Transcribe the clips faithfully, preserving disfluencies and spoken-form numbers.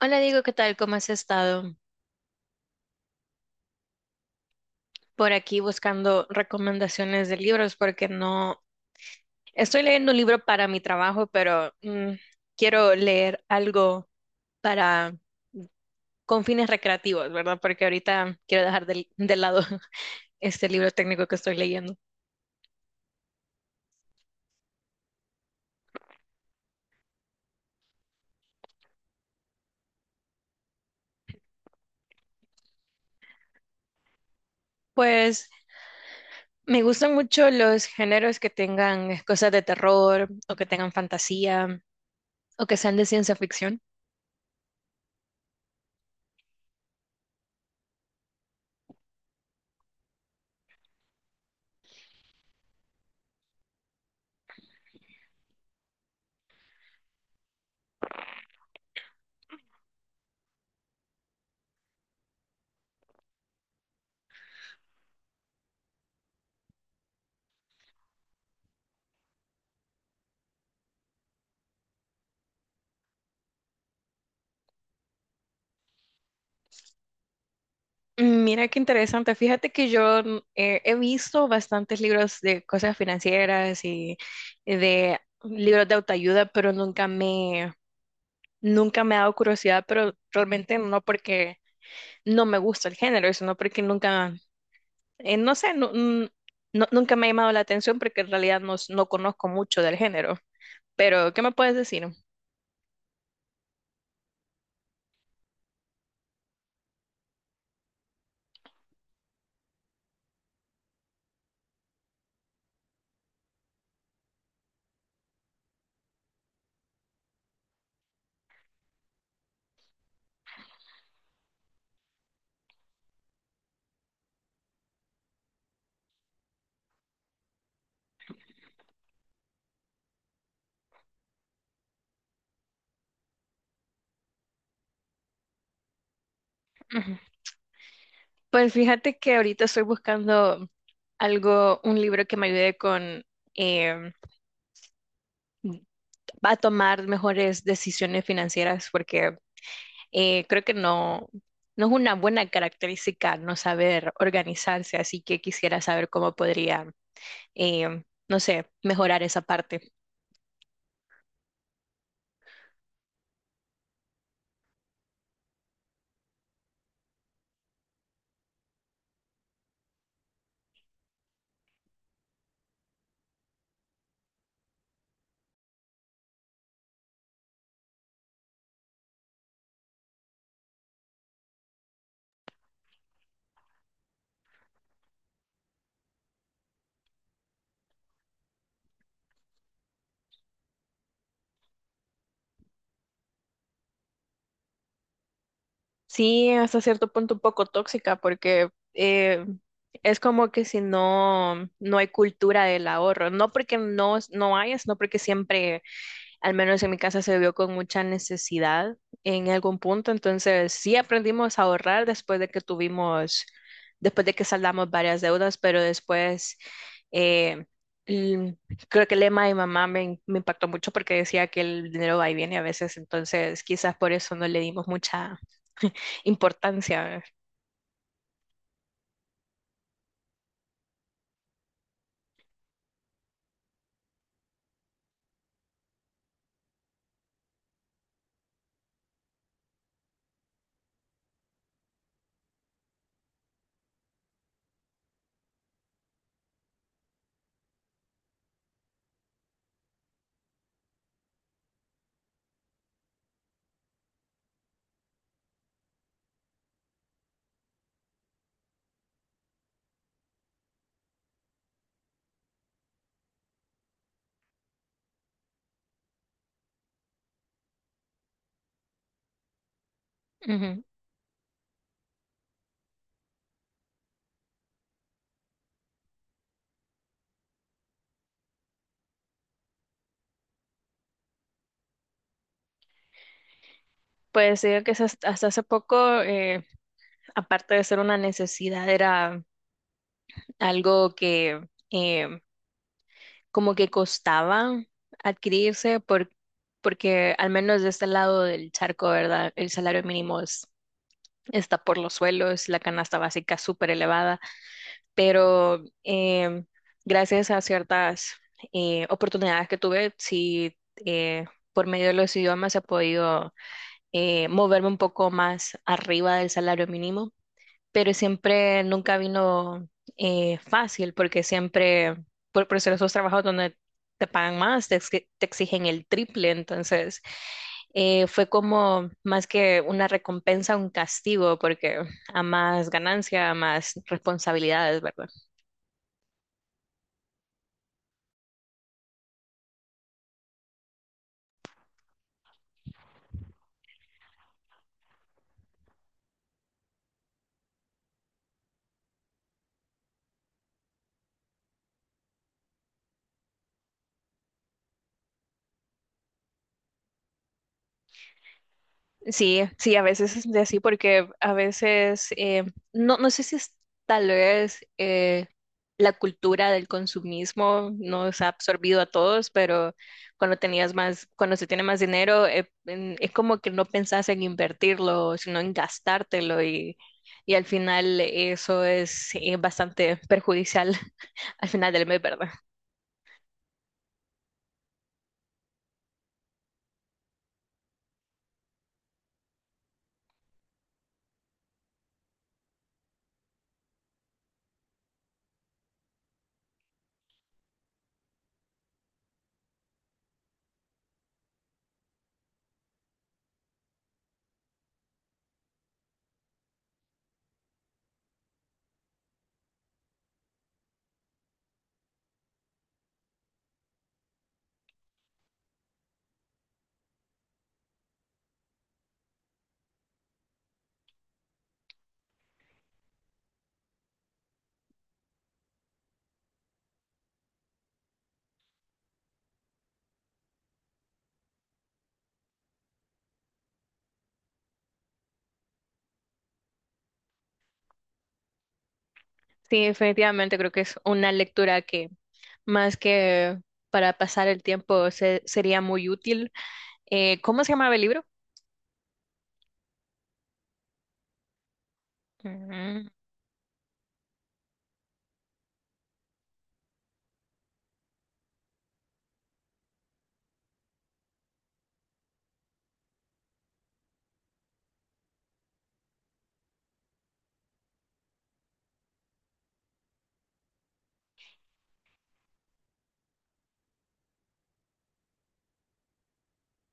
Hola Diego, ¿qué tal? ¿Cómo has estado? Por aquí buscando recomendaciones de libros porque no estoy leyendo un libro para mi trabajo, pero mm, quiero leer algo para con fines recreativos, ¿verdad? Porque ahorita quiero dejar del- de, lado este libro técnico que estoy leyendo. Pues me gustan mucho los géneros que tengan cosas de terror o que tengan fantasía o que sean de ciencia ficción. Mira qué interesante. Fíjate que yo mm, eh, he visto bastantes libros de cosas financieras y y de libros de autoayuda, pero nunca me, nunca me ha dado curiosidad, pero realmente no porque no me gusta el género, sino porque nunca, eh, no sé, nu- mm, no- nunca me ha llamado la atención porque en realidad no, s- no conozco mucho del género. Pero, ¿qué me puedes decir? Ujú. Pues fíjate que ahorita estoy buscando algo, un libro que me ayude con... em, va a tomar mejores decisiones financieras porque eh, creo que no, no es una buena característica no saber organizarse, así que quisiera saber cómo podría, eh, no sé, mejorar esa parte. Sí, hasta cierto punto un poco tóxica porque eh, es como que si no, no hay cultura del ahorro, no porque no, no hay, sino porque siempre al menos en mi casa se vio con mucha necesidad en algún punto, entonces sí aprendimos a ahorrar después de que tuvimos, después de que saldamos varias deudas, pero después eh, l- creo que el lema de mi mamá me, me impactó mucho porque decía que el dinero va y viene a veces, entonces quizás por eso no le dimos mucha importancia. Ujú. Pues digo que es hasta hasta hace poco, eh, aparte de ser una necesidad, era algo que em, como que costaba adquirirse por, porque al menos de este lado del charco, ¿verdad? El salario mínimo es- Está por los suelos, la canasta básica súper elevada, pero em, gracias a ciertas eh, oportunidades que tuve, sí, eh, por medio de los idiomas he podido eh, moverme un poco más arriba del salario mínimo, pero siempre nunca vino eh, fácil porque siempre, por, por hacer esos trabajos donde te pagan más, te, exi- te exigen el triple, entonces eh, fue como más que una recompensa, un castigo, porque a más ganancia, a más responsabilidades, ¿verdad? Sí, sí, a veces es de así porque a veces, eh, no, no sé si es tal vez eh, la cultura del consumismo nos ha absorbido a todos, pero cuando tenías más, cuando se tiene más dinero, eh, en- es como que no pensás en invertirlo, sino en gastártelo, y, y al final eso es eh, bastante perjudicial al final del mes, ¿verdad? Sí, definitivamente creo que es una lectura que más que para pasar el tiempo se- sería muy útil. Eh, ¿cómo se llamaba el libro? Mm,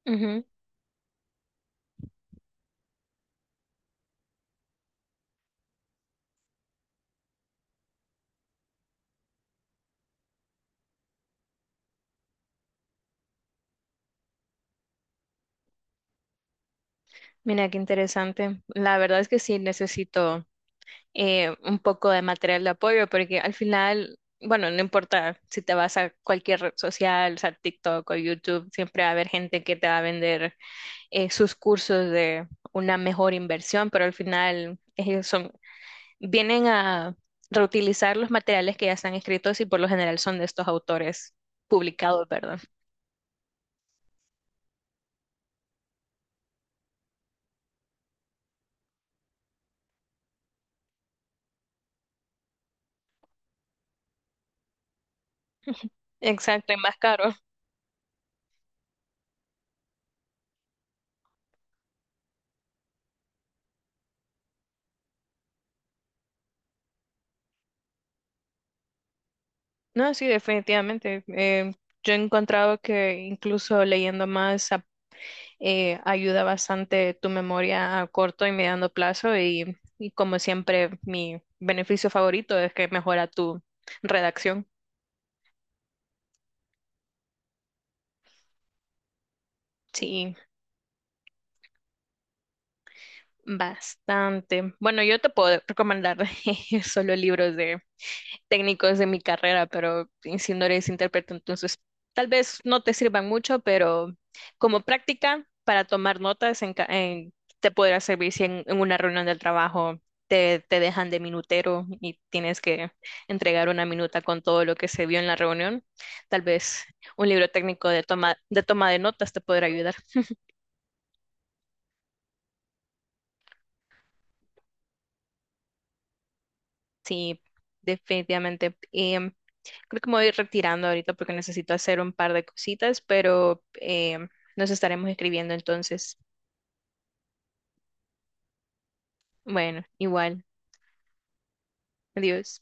ujú. Mira, qué interesante. La verdad es que sí necesito eh, un poco de material de apoyo porque al final, bueno, no importa si te vas a cualquier red social, o sea, TikTok o YouTube, siempre va a haber gente que te va a vender eh, sus cursos de una mejor inversión, pero al final ellos son vienen a reutilizar los materiales que ya están escritos y por lo general son de estos autores publicados, ¿verdad? Exacto, y más caro. No, sí, definitivamente. Eh, yo he encontrado que incluso leyendo más ap- eh, ayuda bastante tu memoria a corto y mediano plazo, y, y como siempre mi beneficio favorito es que mejora tu redacción. Sí, bastante. Bueno, yo te puedo recomendar solo libros de técnicos de mi carrera, pero si no eres intérprete, entonces tal vez no te sirvan mucho, pero como práctica para tomar notas en, ca- en- te podrá servir si en, en una reunión del trabajo te, te dejan de minutero y tienes que entregar una minuta con todo lo que se vio en la reunión. Tal vez un libro técnico de toma de, toma de notas te podrá ayudar. Sí, definitivamente. Creo que me voy a ir retirando ahorita porque necesito hacer un par de cositas, pero eh, nos estaremos escribiendo entonces. Bueno, igual. Adiós.